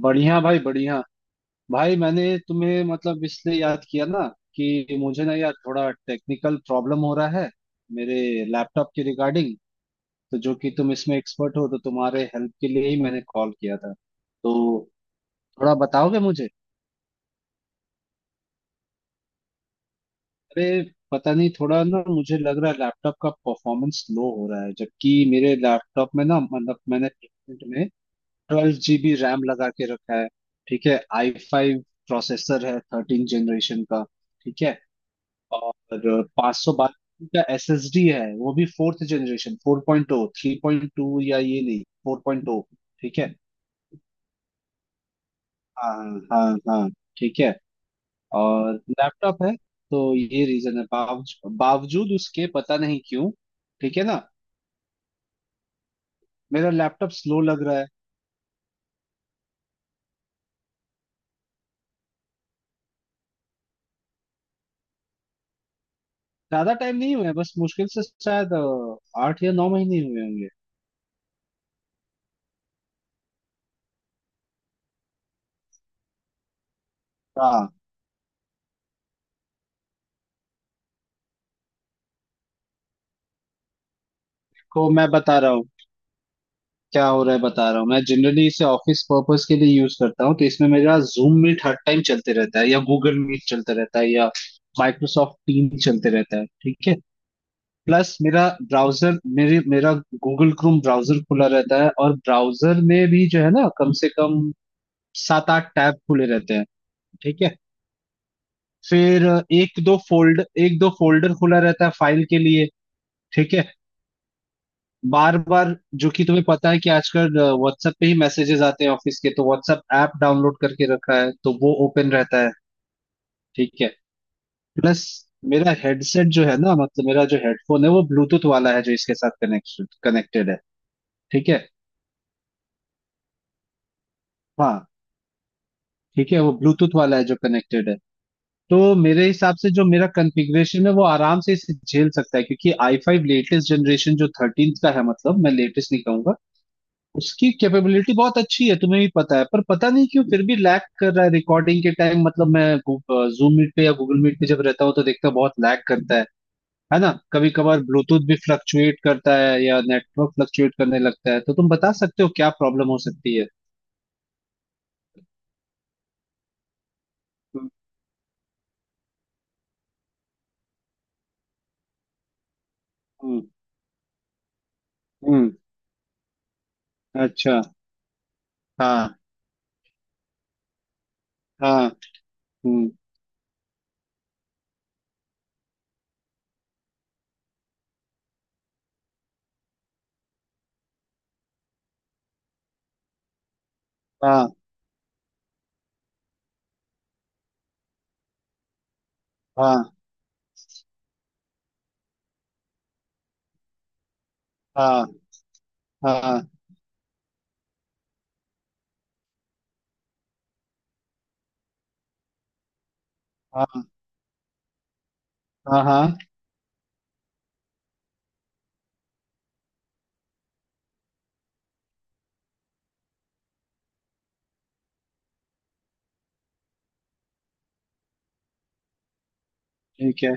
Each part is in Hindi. बढ़िया भाई बढ़िया। भाई मैंने तुम्हें मतलब इसलिए याद किया ना कि मुझे ना यार थोड़ा टेक्निकल प्रॉब्लम हो रहा है मेरे लैपटॉप के रिगार्डिंग। तो जो कि तुम इसमें एक्सपर्ट हो तो तुम्हारे हेल्प के लिए ही मैंने कॉल किया था, तो थोड़ा बताओगे मुझे। अरे पता नहीं, थोड़ा ना मुझे लग रहा है लैपटॉप का परफॉर्मेंस लो हो रहा है, जबकि मेरे लैपटॉप में ना मतलब मैंने प्लेसमेंट में 12 जीबी रैम लगा के रखा है। ठीक है, आई फाइव प्रोसेसर है 13 जनरेशन का। ठीक है। और 512 का एसएसडी है, वो भी fourth generation. Four point o, three point two, या ये नहीं, फोर पॉइंट ओ। ठीक है। हाँ, हाँ हाँ। ठीक है। और लैपटॉप है तो ये रीजन है, बावजूद बावजूद उसके पता नहीं क्यों ठीक है ना मेरा लैपटॉप स्लो लग रहा है। ज्यादा टाइम नहीं हुआ है, बस मुश्किल से शायद 8 या 9 महीने हुए होंगे। हाँ, को मैं बता रहा हूँ क्या हो रहा है, बता रहा हूँ मैं। जनरली इसे ऑफिस पर्पस के लिए यूज करता हूँ, तो इसमें मेरा जूम मीट हर टाइम चलते रहता है, या गूगल मीट चलता रहता है, या माइक्रोसॉफ्ट टीम चलते रहता है। ठीक है। प्लस मेरा ब्राउजर, मेरे मेरा गूगल क्रोम ब्राउजर खुला रहता है, और ब्राउजर में भी जो है ना कम से कम सात आठ टैब खुले रहते हैं। ठीक है। फिर एक दो फोल्डर खुला रहता है फाइल के लिए। ठीक है। बार बार, जो कि तुम्हें पता है कि आजकल व्हाट्सएप पे ही मैसेजेस आते हैं ऑफिस के, तो व्हाट्सएप ऐप डाउनलोड करके रखा है तो वो ओपन रहता है। ठीक है। प्लस मेरा हेडसेट जो है ना, मतलब मेरा जो हेडफोन है वो ब्लूटूथ वाला है जो इसके साथ कनेक्टेड कनेक्टेड है। ठीक है। हाँ। ठीक है, वो ब्लूटूथ वाला है जो कनेक्टेड है। तो मेरे हिसाब से जो मेरा कॉन्फ़िगरेशन है वो आराम से इसे झेल सकता है, क्योंकि आई फाइव लेटेस्ट जनरेशन जो थर्टीन का है, मतलब मैं लेटेस्ट नहीं कहूंगा, उसकी कैपेबिलिटी बहुत अच्छी है, तुम्हें भी पता है। पर पता नहीं क्यों फिर भी लैग कर रहा है रिकॉर्डिंग के टाइम, मतलब मैं जूम मीट पे या गूगल मीट पे जब रहता हूँ तो देखता हूँ बहुत लैग करता है ना। कभी कभार ब्लूटूथ भी फ्लक्चुएट करता है या नेटवर्क फ्लक्चुएट करने लगता है, तो तुम बता सकते हो क्या प्रॉब्लम हो सकती है। हम्म। हम्म। हम्म, अच्छा। हाँ, हाँ। हम्म। हाँ हाँ हाँ हाँ हाँ हाँ हाँ, ठीक है।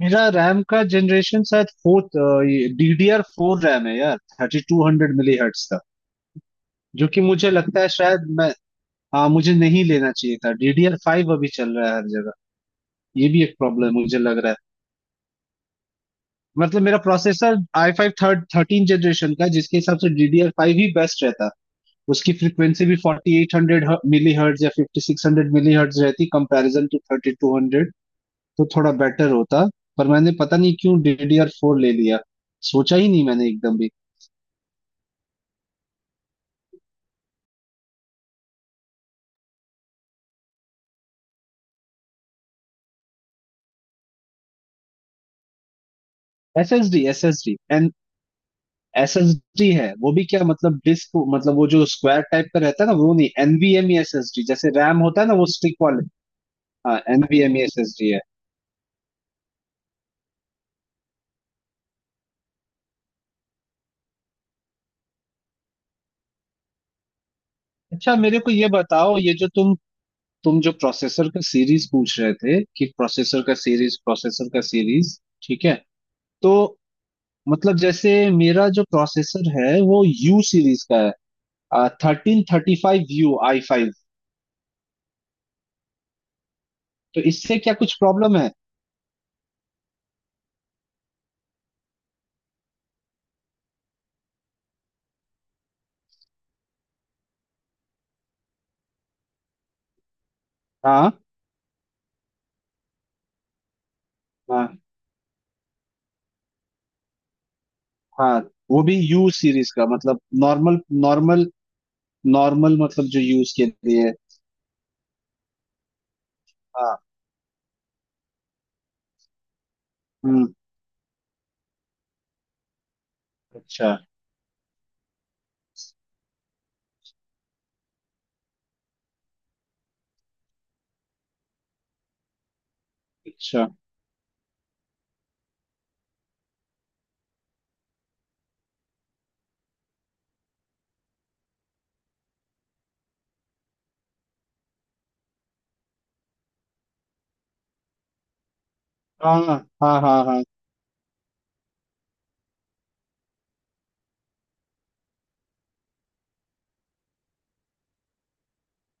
मेरा रैम का जनरेशन शायद फोर्थ, ये DDR4 फोर रैम है यार, 3200 मिली हर्ट्स का। जो कि मुझे लगता है शायद मैं, हाँ, मुझे नहीं लेना चाहिए था, DDR5 फाइव अभी चल रहा है हर जगह। ये भी एक प्रॉब्लम मुझे लग रहा है, मतलब मेरा processor I five third thirteen generation का है, जिसके हिसाब से DDR5 फाइव ही बेस्ट रहता। उसकी फ्रीक्वेंसी भी 4800 मिली हर्ट्ज या 5600 मिली हर्ट्ज रहती कंपेरिजन टू 3200, तो थोड़ा बेटर होता। पर मैंने पता नहीं क्यों DDR4 फोर ले लिया, सोचा ही नहीं मैंने एकदम भी। S S D N S S D है वो भी, क्या मतलब डिस्क, मतलब वो जो स्क्वायर टाइप का रहता है ना वो नहीं, एनवीएमई एस एस डी, जैसे रैम होता है ना वो स्टिक वाले। हाँ, एनवीएमई एस एस डी है। अच्छा, मेरे को ये बताओ, ये जो तुम जो प्रोसेसर का सीरीज पूछ रहे थे कि प्रोसेसर का सीरीज, ठीक है। तो मतलब जैसे मेरा जो प्रोसेसर है वो यू सीरीज का है, 1335 यू आई फाइव। तो इससे क्या कुछ प्रॉब्लम है? हाँ हाँ। हाँ, वो भी यू सीरीज का, मतलब नॉर्मल। नॉर्मल, नॉर्मल मतलब जो यूज के लिए है। हाँ। हम्म। अच्छा। अच्छा। हाँ हाँ हाँ हाँ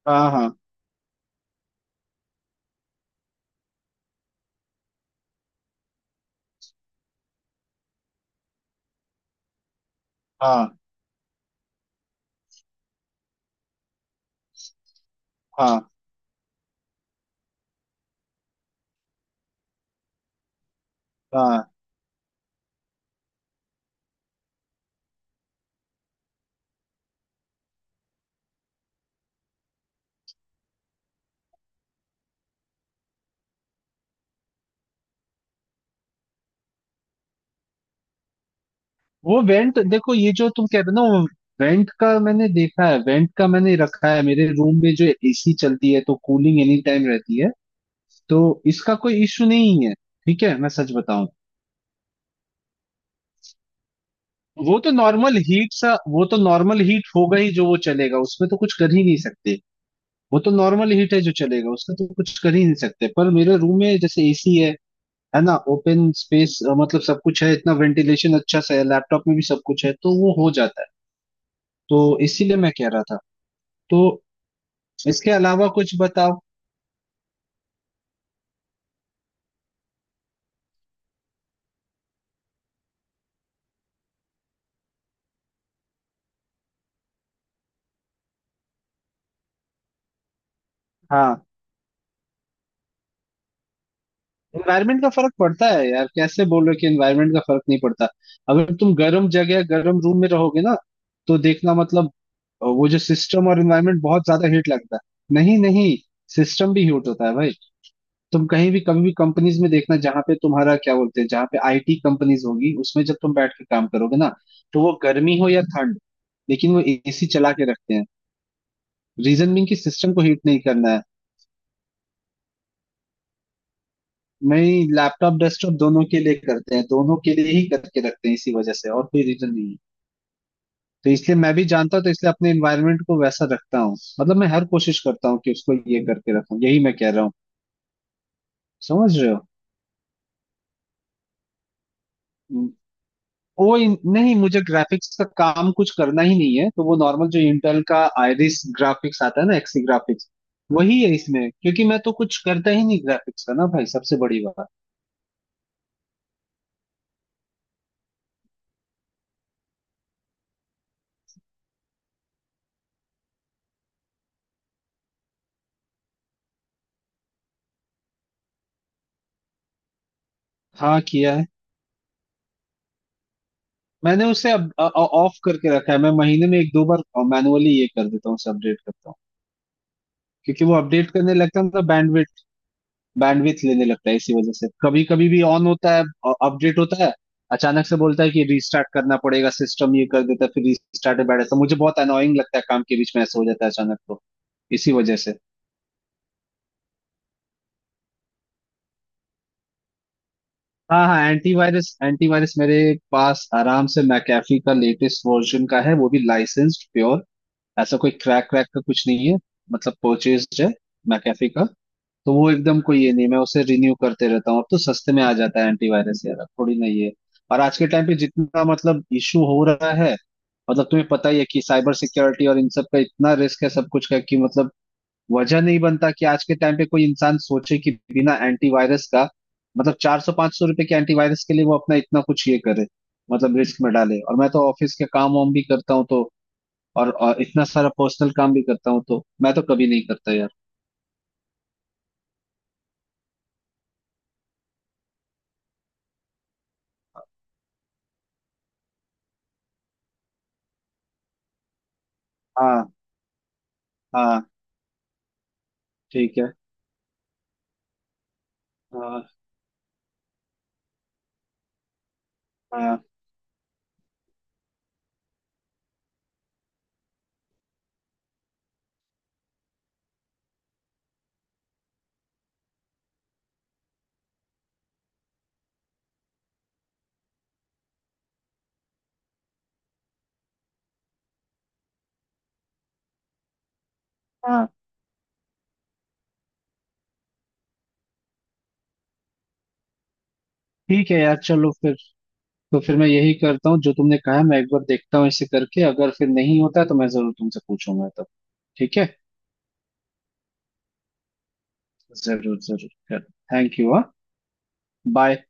हाँ हाँ हाँ हाँ हाँ हाँ। वो वेंट, देखो ये जो तुम कह रहे हो ना, वो वेंट का मैंने देखा है, वेंट का मैंने रखा है। मेरे रूम में जो एसी चलती है तो कूलिंग एनी टाइम रहती है, तो इसका कोई इश्यू नहीं है। ठीक है, मैं सच बताऊं, वो तो नॉर्मल हीट सा, वो तो नॉर्मल हीट होगा ही, जो वो चलेगा उसमें तो कुछ कर ही नहीं सकते। वो तो नॉर्मल हीट है जो चलेगा, उसका तो कुछ कर ही नहीं सकते। पर मेरे रूम में जैसे एसी है ना, ओपन स्पेस, मतलब सब कुछ है, इतना वेंटिलेशन अच्छा सा है, लैपटॉप में भी सब कुछ है, तो वो हो जाता है। तो इसीलिए मैं कह रहा था, तो इसके अलावा कुछ बताओ। हाँ, एनवायरमेंट का फर्क पड़ता है यार, कैसे बोल रहे हो कि एनवायरमेंट का फर्क नहीं पड़ता। अगर तुम गर्म जगह, गर्म रूम में रहोगे ना, तो देखना, मतलब वो जो सिस्टम और एनवायरमेंट, बहुत ज्यादा हीट लगता है। नहीं नहीं, सिस्टम भी हीट होता है भाई। तुम कहीं भी कभी भी कंपनीज में देखना, जहां पे तुम्हारा क्या बोलते हैं, जहां पे आईटी कंपनीज होगी, उसमें जब तुम बैठ के काम करोगे ना, तो वो गर्मी हो या ठंड, लेकिन वो एसी चला के रखते हैं, रीजन बीइंग कि सिस्टम को हीट नहीं करना है। मैं लैपटॉप डेस्कटॉप दोनों के लिए करते हैं, दोनों के लिए ही करके रखते हैं, इसी वजह से, और कोई रीजन नहीं है। तो इसलिए मैं भी जानता हूँ, तो इसलिए अपने एनवायरनमेंट को वैसा रखता हूँ, मतलब मैं हर कोशिश करता हूँ कि उसको ये करके रखूं, यही मैं कह रहा हूँ। समझ रहे हो, नहीं, मुझे ग्राफिक्स का काम कुछ करना ही नहीं है, तो वो नॉर्मल जो इंटेल का आयरिस ग्राफिक्स आता है ना, एक्सी ग्राफिक्स वही है इसमें, क्योंकि मैं तो कुछ करता ही नहीं ग्राफिक्स का ना भाई, सबसे बड़ी बात। हाँ, किया है। मैंने उसे अब ऑफ करके रखा है, मैं महीने में एक दो बार मैनुअली ये कर देता हूँ, उसे अपडेट करता हूँ, क्योंकि वो अपडेट करने लगता है ना, बैंडविथ लेने लगता है, इसी वजह से कभी कभी भी ऑन होता है, अपडेट होता है, अचानक से बोलता है कि रीस्टार्ट करना पड़ेगा सिस्टम, ये कर देता है, फिर रीस्टार्ट में बैठ जाता है। मुझे बहुत अनोइंग लगता है, काम के बीच में ऐसा हो जाता है अचानक, तो इसी वजह से। हाँ हाँ, एंटीवायरस एंटीवायरस मेरे पास आराम से मैकेफी का लेटेस्ट वर्जन का है, वो भी लाइसेंस्ड प्योर, ऐसा कोई क्रैक क्रैक का कुछ नहीं है, मतलब परचेज है मैकेफी का। तो वो एकदम कोई ये नहीं, मैं उसे रिन्यू करते रहता हूँ, अब तो सस्ते में आ जाता है एंटीवायरस यार, अब थोड़ी नहीं है। और आज के टाइम पे जितना मतलब इशू हो रहा है, मतलब तुम्हें पता ही है कि साइबर सिक्योरिटी और इन सब का इतना रिस्क है, सब कुछ का कि, मतलब वजह नहीं बनता कि आज के टाइम पे कोई इंसान सोचे कि बिना एंटीवायरस का, मतलब 400 500 रुपए के एंटीवायरस के लिए वो अपना इतना कुछ ये करे, मतलब रिस्क में डाले। और मैं तो ऑफिस के काम वाम भी करता हूँ तो, और इतना सारा पर्सनल काम भी करता हूँ, तो मैं तो कभी नहीं करता यार। हाँ हाँ। ठीक है। हाँ हाँ हाँ। ठीक है यार, चलो फिर तो, फिर मैं यही करता हूँ जो तुमने कहा, मैं एक बार देखता हूँ इसे करके, अगर फिर नहीं होता है तो मैं जरूर तुमसे पूछूंगा तब। ठीक है, जरूर जरूर। Thank you. हाँ, बाय।